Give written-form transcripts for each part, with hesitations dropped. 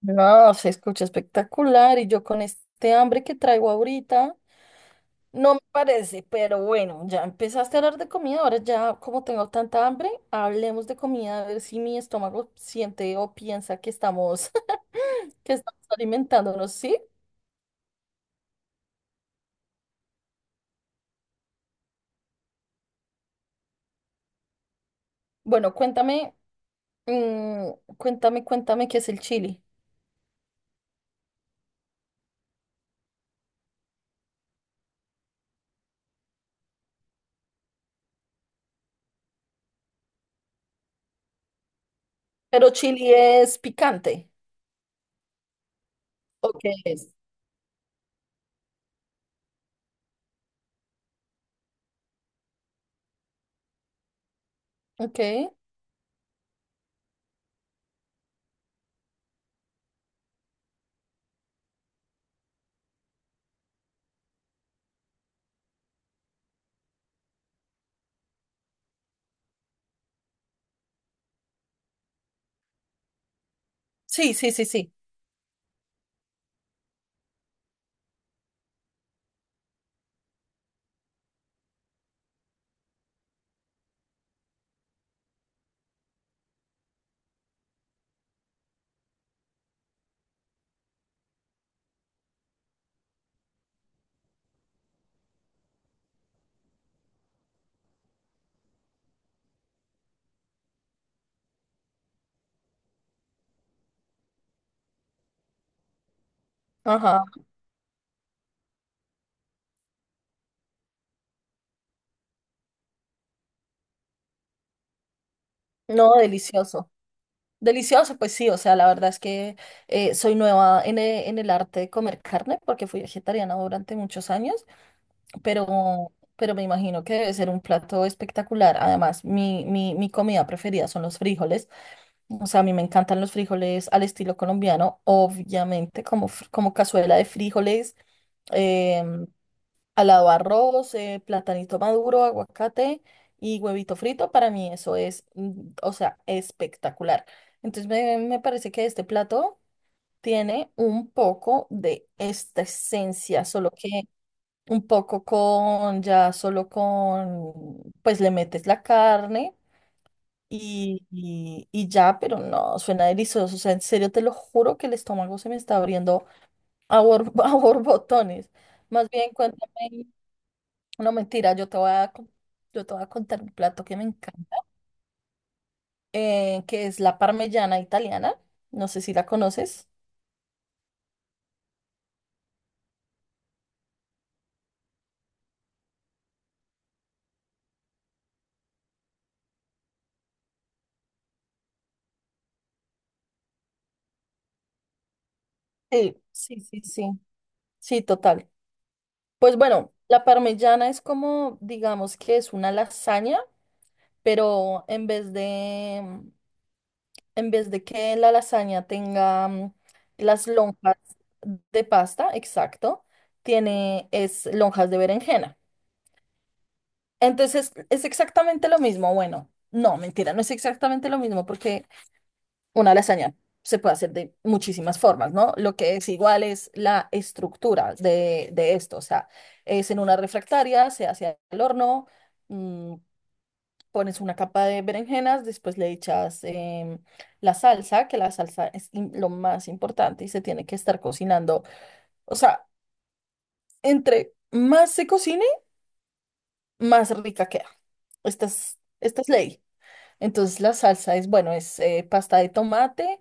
No, se escucha espectacular y yo con este hambre que traigo ahorita, no me parece, pero bueno, ya empezaste a hablar de comida, ahora ya como tengo tanta hambre, hablemos de comida, a ver si mi estómago siente o piensa que estamos, que estamos alimentándonos, ¿sí? Bueno, cuéntame, mm, cuéntame, cuéntame qué es el chili. Pero chili es picante. ¿O qué es? Ok. Sí, sí, sí, sí. Ajá. No, delicioso. Delicioso, pues sí, o sea, la verdad es que soy nueva en en el arte de comer carne porque fui vegetariana durante muchos años, pero me imagino que debe ser un plato espectacular. Además, mi comida preferida son los frijoles, o sea, a mí me encantan los frijoles al estilo colombiano, obviamente, como, como cazuela de frijoles. em, Al lado arroz, platanito maduro, aguacate y huevito frito, para mí eso es, o sea, espectacular. Entonces me parece que este plato tiene un poco de esta esencia, solo que un poco con, ya solo con, pues le metes la carne y ya, pero no, suena delicioso. O sea, en serio te lo juro que el estómago se me está abriendo a, a borbotones. Más bien, cuéntame. No, mentira, yo te voy a yo te voy a contar un plato que me encanta, que es la parmellana italiana. No sé si la conoces. Sí, sí, sí, sí. Sí, total. Pues bueno, la parmellana es como, digamos que es una lasaña, pero en vez de que la lasaña tenga las lonjas de pasta, exacto, tiene es lonjas de berenjena. Entonces, es exactamente lo mismo. Bueno, no, mentira, no es exactamente lo mismo porque una lasaña se puede hacer de muchísimas formas, ¿no? Lo que es igual es la estructura de esto. O sea, es en una refractaria, se hace al horno, mm, pones una capa de berenjenas, después le echas la salsa, que la salsa es lo más importante y se tiene que estar cocinando. O sea, entre más se cocine, más rica queda. Esta es ley. Entonces la salsa es, bueno, es pasta de tomate,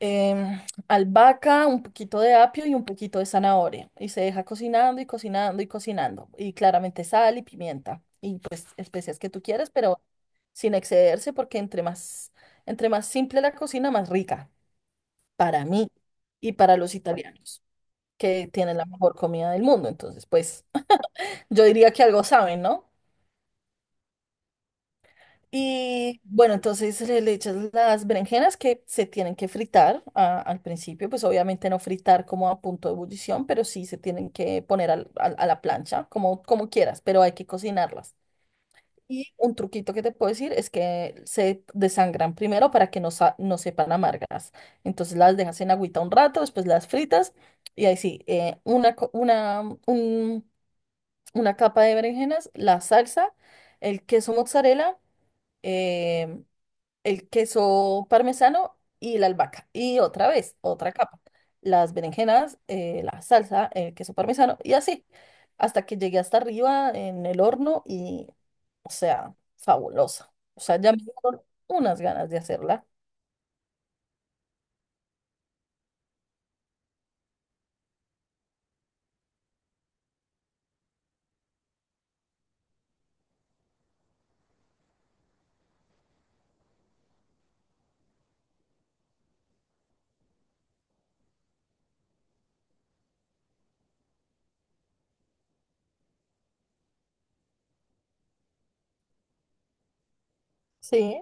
em, albahaca, un poquito de apio y un poquito de zanahoria. Y se deja cocinando y cocinando y cocinando. Y claramente sal y pimienta y pues especias que tú quieras, pero sin excederse porque entre más simple la cocina, más rica para mí y para los italianos, que tienen la mejor comida del mundo. Entonces, pues yo diría que algo saben, ¿no? Y bueno, entonces le echas las berenjenas que se tienen que fritar al principio, pues obviamente no fritar como a punto de ebullición, pero sí se tienen que poner a la plancha, como, como quieras, pero hay que cocinarlas. Y un truquito que te puedo decir es que se desangran primero para que no, no sepan amargas. Entonces las dejas en agüita un rato, después las fritas y ahí sí, una, co- una, un- una capa de berenjenas, la salsa, el queso mozzarella eh, el queso parmesano y la albahaca. Y otra vez, otra capa. Las berenjenas, la salsa, el queso parmesano y así. Hasta que llegué hasta arriba en el horno y, o sea, fabulosa. O sea, ya me dieron unas ganas de hacerla. Sí.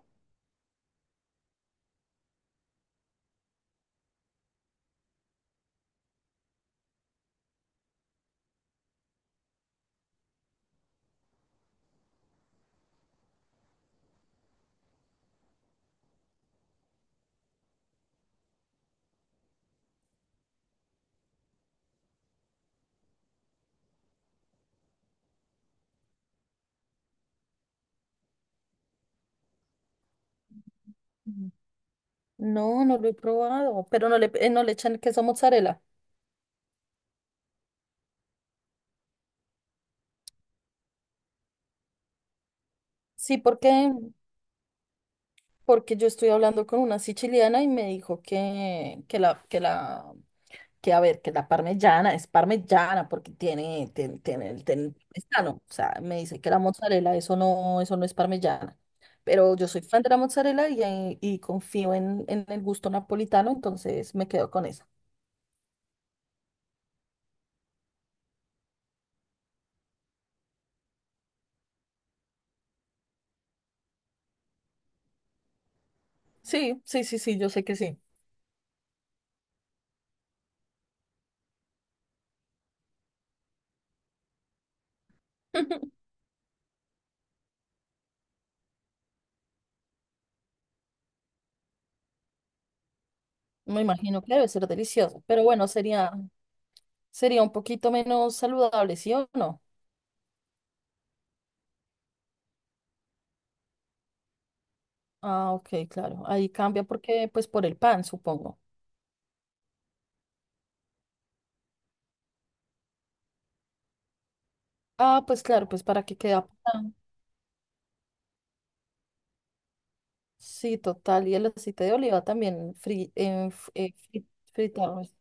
Mm. No, no lo he probado, pero no le, no le echan queso mozzarella. Sí, porque, porque yo estoy hablando con una siciliana y me dijo que, que la que a ver, que la parmellana es parmellana porque tiene el parmesano. O sea, me dice que la mozzarella, eso no es parmellana. Pero yo soy fan de la mozzarella y, y confío en el gusto napolitano, entonces me quedo con esa. Sí, sí, sí, sí, yo sé que sí. Me imagino que debe ser delicioso, pero bueno, sería, sería un poquito menos saludable, ¿sí o no? Ah, ok, claro. Ahí cambia porque, pues, por el pan, supongo. Ah, pues claro, pues para que quede. Sí, total. Y el aceite de oliva también fritado.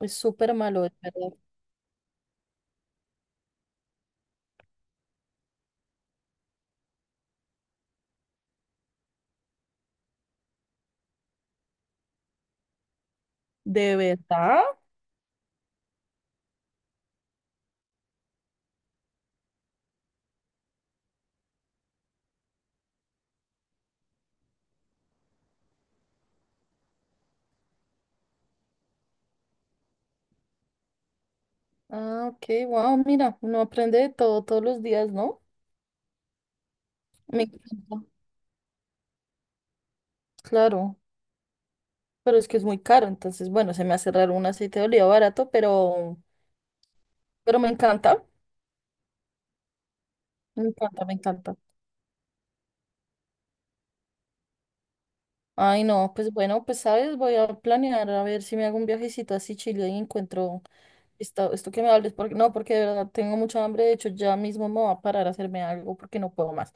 Es súper malo, es verdad. ¿De verdad? Ah, ok, wow, mira, uno aprende de todo todos los días, ¿no? Me encanta. Claro, pero es que es muy caro, entonces, bueno, se me hace raro un aceite de oliva barato, pero me encanta, me encanta, me encanta. Ay, no, pues bueno, pues sabes, voy a planear a ver si me hago un viajecito así Chile y encuentro esto, esto que me hables, porque no, porque de verdad tengo mucha hambre, de hecho ya mismo me voy a parar a hacerme algo porque no puedo más.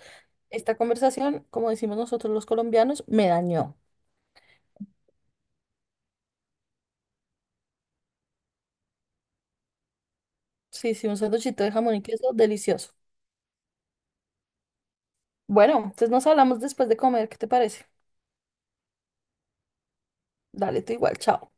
Esta conversación, como decimos nosotros los colombianos, me dañó. Sí, sí, un sanduchito de jamón y queso, delicioso. Bueno, entonces nos hablamos después de comer, ¿qué te parece? Dale, tú igual, chao.